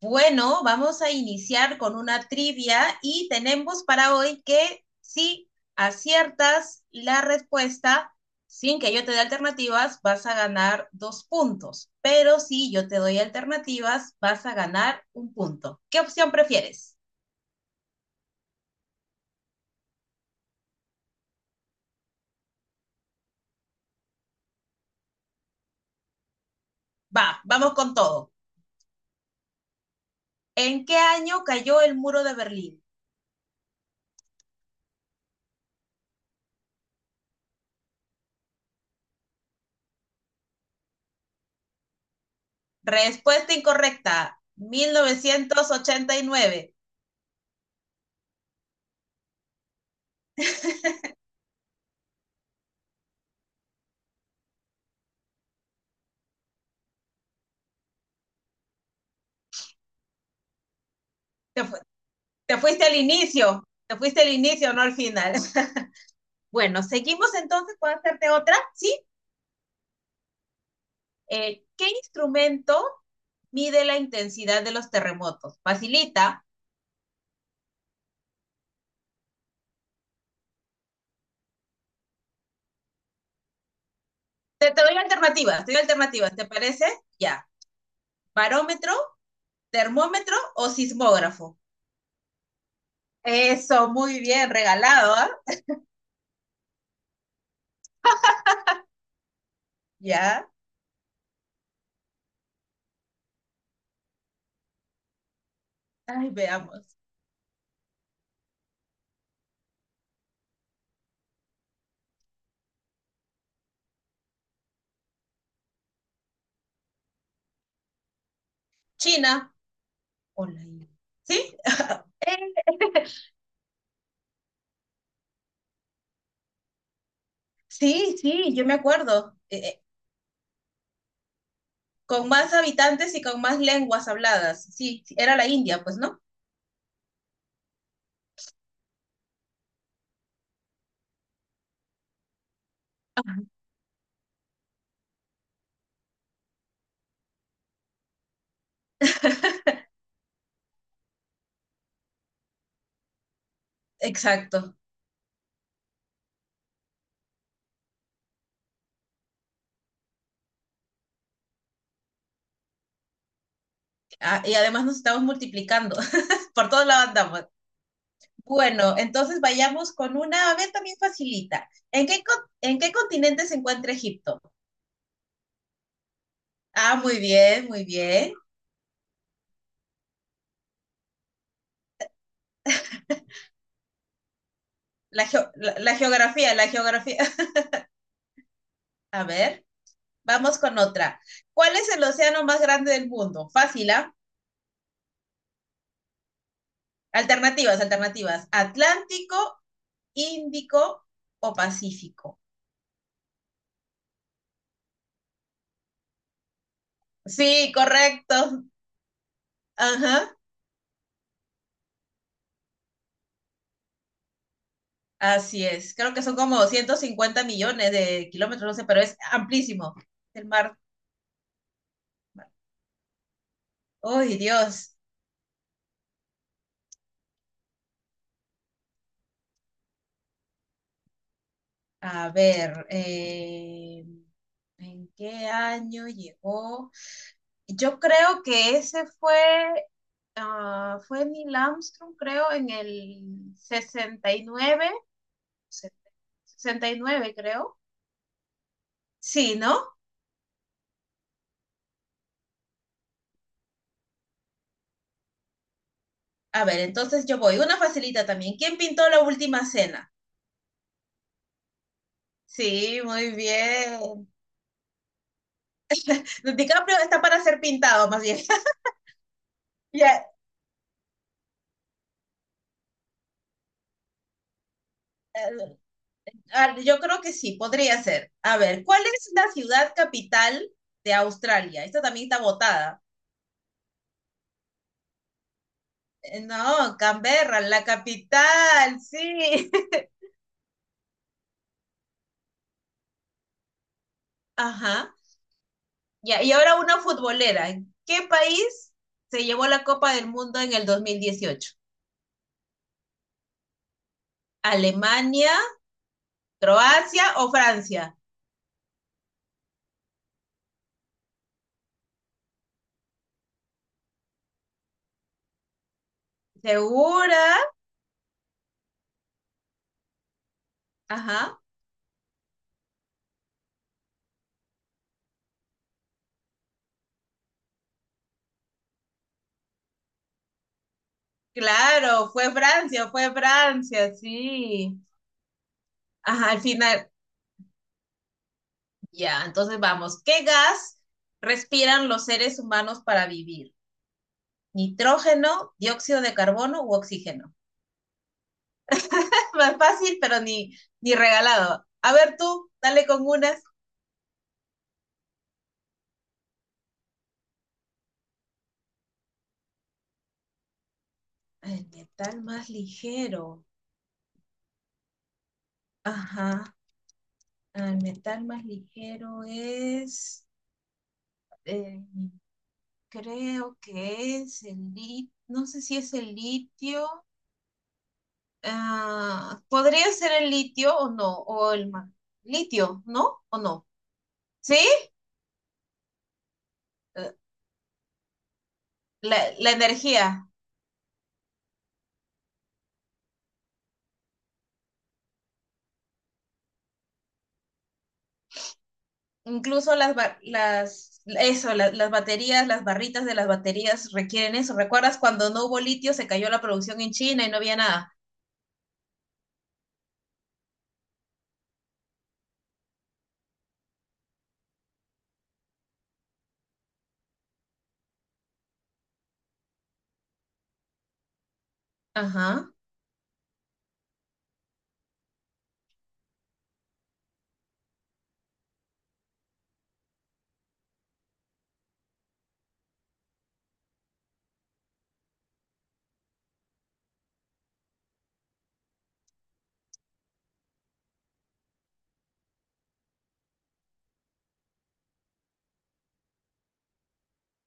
Bueno, vamos a iniciar con una trivia y tenemos para hoy que si aciertas la respuesta sin que yo te dé alternativas, vas a ganar dos puntos. Pero si yo te doy alternativas, vas a ganar un punto. ¿Qué opción prefieres? Va, vamos con todo. ¿En qué año cayó el muro de Berlín? Respuesta incorrecta, 1989. Te, fu- Te fuiste al inicio, te fuiste al inicio, no al final. Bueno, seguimos entonces, ¿puedo hacerte otra? Sí. ¿Qué instrumento mide la intensidad de los terremotos? Facilita. Te doy alternativas, te doy alternativas, ¿te parece? Ya. ¿Barómetro, termómetro o sismógrafo? Eso, muy bien, regalado, ¿ah? Ya. Ay, veamos. China. Hola. ¿Sí? Eh, Sí, sí, yo me acuerdo. Con más habitantes y con más lenguas habladas. Sí, sí, era la India, pues, ¿no? Ajá. Exacto. Ah, y además nos estamos multiplicando. Por todos lados andamos. Bueno, entonces vayamos con una, a ver, también facilita. ¿ En qué continente se encuentra Egipto? Ah, muy bien, muy bien. La geografía, la geografía. A ver, vamos con otra. ¿Cuál es el océano más grande del mundo? Fácil, ¿ah? Alternativas, alternativas. ¿Atlántico, Índico o Pacífico? Sí, correcto. Ajá. Así es, creo que son como 250 millones de kilómetros, no sé, pero es amplísimo el mar. ¡Uy, Dios! A ver, ¿en qué año llegó? Yo creo que ese fue Neil Armstrong, creo, en el sesenta sesenta y nueve, sesenta y nueve, creo. Sí, ¿no? A ver, entonces yo voy. Una facilita también. ¿Quién pintó la última cena? Sí, muy bien. DiCaprio está para ser pintado, más bien. Ya, eh, a ver, yo creo que sí, podría ser. A ver, ¿cuál es la ciudad capital de Australia? Esta también está votada. No, Canberra, la capital, sí. Ajá. Ya, y ahora una futbolera. ¿En qué país se llevó la Copa del Mundo en el 2018? ¿Alemania, Croacia o Francia? ¿Segura? Ajá. Claro, fue Francia, sí. Ajá, al final, ya, entonces vamos. ¿Qué gas respiran los seres humanos para vivir? ¿Nitrógeno, dióxido de carbono u oxígeno? Más fácil, pero ni regalado. A ver tú, dale con unas. El metal más ligero. Ajá, el metal más ligero es, eh, creo que es el litio, no sé si es el litio. Ah, ¿podría ser el litio o no? O el litio, ¿no? ¿O no? ¿Sí? Eh, la energía, incluso las, ba- las, eso, la- las baterías, las barritas de las baterías requieren eso. ¿Recuerdas cuando no hubo litio, se cayó la producción en China y no había nada? Ajá.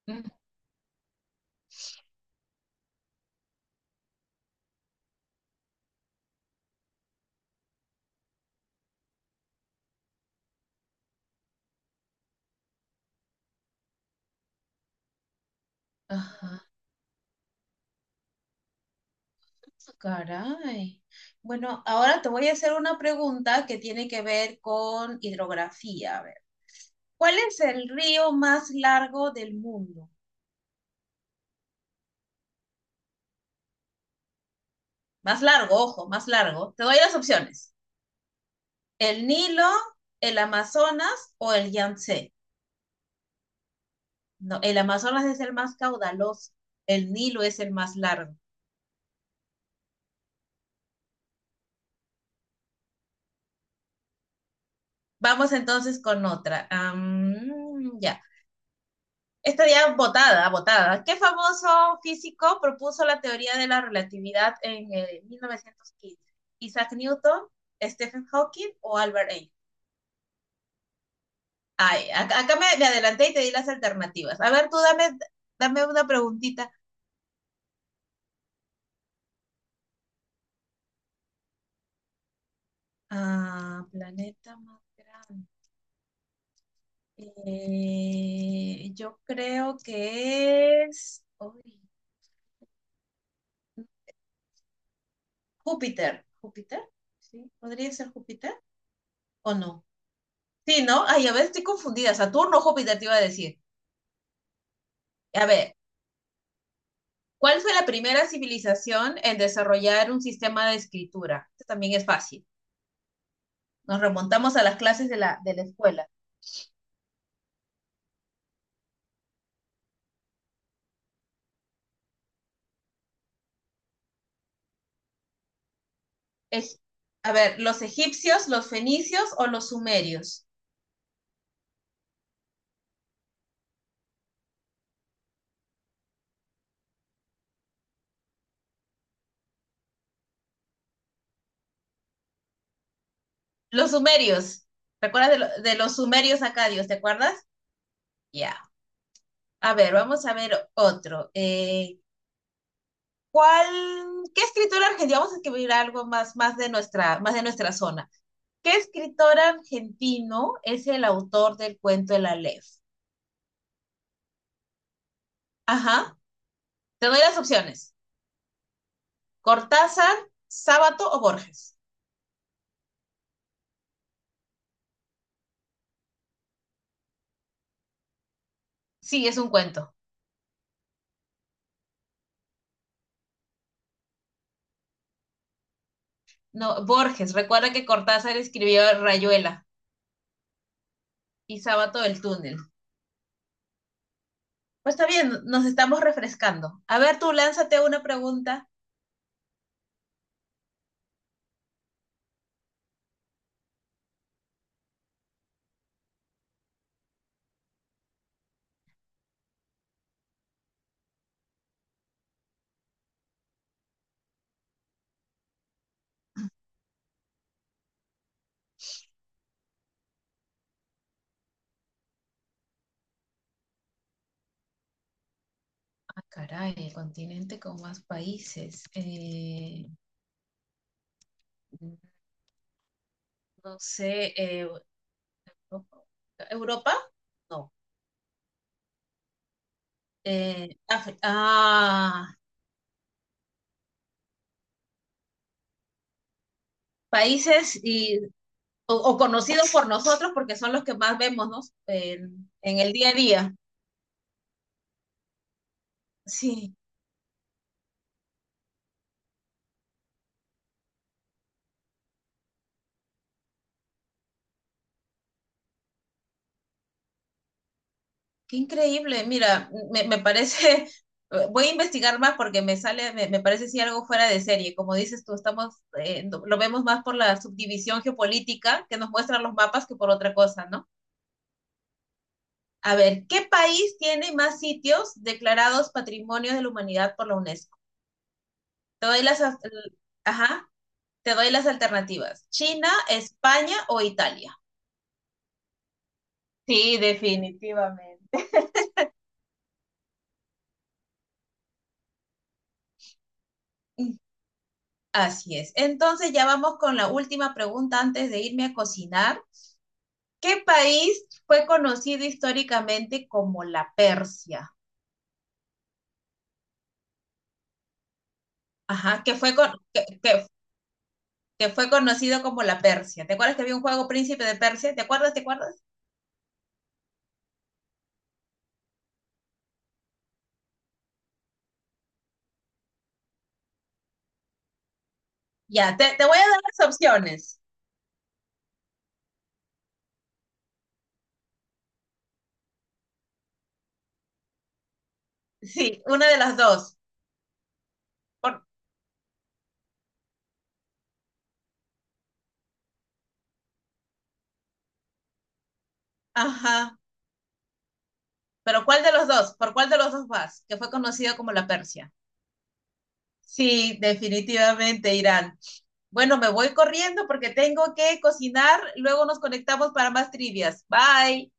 Mm. Ajá, caray. Bueno, ahora te voy a hacer una pregunta que tiene que ver con hidrografía. A ver, ¿cuál es el río más largo del mundo? Más largo, ojo, más largo. Te doy las opciones. El Nilo, el Amazonas o el Yangtze. No, el Amazonas es el más caudaloso, el Nilo es el más largo. Vamos entonces con otra. Ya. Esta ya botada botada. ¿Qué famoso físico propuso la teoría de la relatividad en 1915? ¿Isaac Newton, Stephen Hawking o Albert Einstein? Ay, acá me adelanté y te di las alternativas. A ver, tú dame una preguntita. Ah, planeta más grande. Yo creo que es uy, Júpiter. ¿Júpiter? ¿Sí? ¿Podría ser Júpiter? ¿O no? Sí, ¿no? Ay, a ver, estoy confundida. Saturno o Júpiter te iba a decir. A ver, ¿cuál fue la primera civilización en desarrollar un sistema de escritura? Esto también es fácil. Nos remontamos a las clases de la escuela. Es, a ver, ¿los egipcios, los fenicios o los sumerios? Los sumerios. ¿Recuerdas de los sumerios acadios? ¿Te acuerdas? Ya. A ver, vamos a ver otro. ¿Cuál, qué escritora argentina? Vamos a escribir algo más de nuestra zona. ¿Qué escritor argentino es el autor del cuento El Aleph? Ajá. Te doy las opciones. Cortázar, Sábato o Borges. Sí, es un cuento. No, Borges. Recuerda que Cortázar escribió Rayuela y Sábato el túnel. Pues está bien, nos estamos refrescando. A ver, tú lánzate una pregunta. Ah, caray, el continente con más países. No sé, ¿Europa? No. Eh, Afri- ah, países o conocidos por nosotros porque son los que más vemos, ¿no? En el día a día. Sí, qué increíble, mira, me parece, voy a investigar más porque me sale, me parece si algo fuera de serie. Como dices tú, estamos, lo vemos más por la subdivisión geopolítica que nos muestran los mapas que por otra cosa, ¿no? A ver, ¿qué país tiene más sitios declarados Patrimonio de la Humanidad por la UNESCO? Te doy las, as- l- ajá, te doy las alternativas. China, España o Italia. Sí, definitivamente. Así es. Entonces ya vamos con la última pregunta antes de irme a cocinar. ¿Qué país fue conocido históricamente como la Persia? Ajá, que fue conocido como la Persia. ¿Te acuerdas que había un juego Príncipe de Persia? ¿Te acuerdas? ¿Te acuerdas? Ya, te voy a dar las opciones. Sí, una de las dos. Por, ajá, pero ¿cuál de los dos? ¿Por cuál de los dos vas? Que fue conocido como la Persia. Sí, definitivamente, Irán. Bueno, me voy corriendo porque tengo que cocinar. Luego nos conectamos para más trivias. Bye.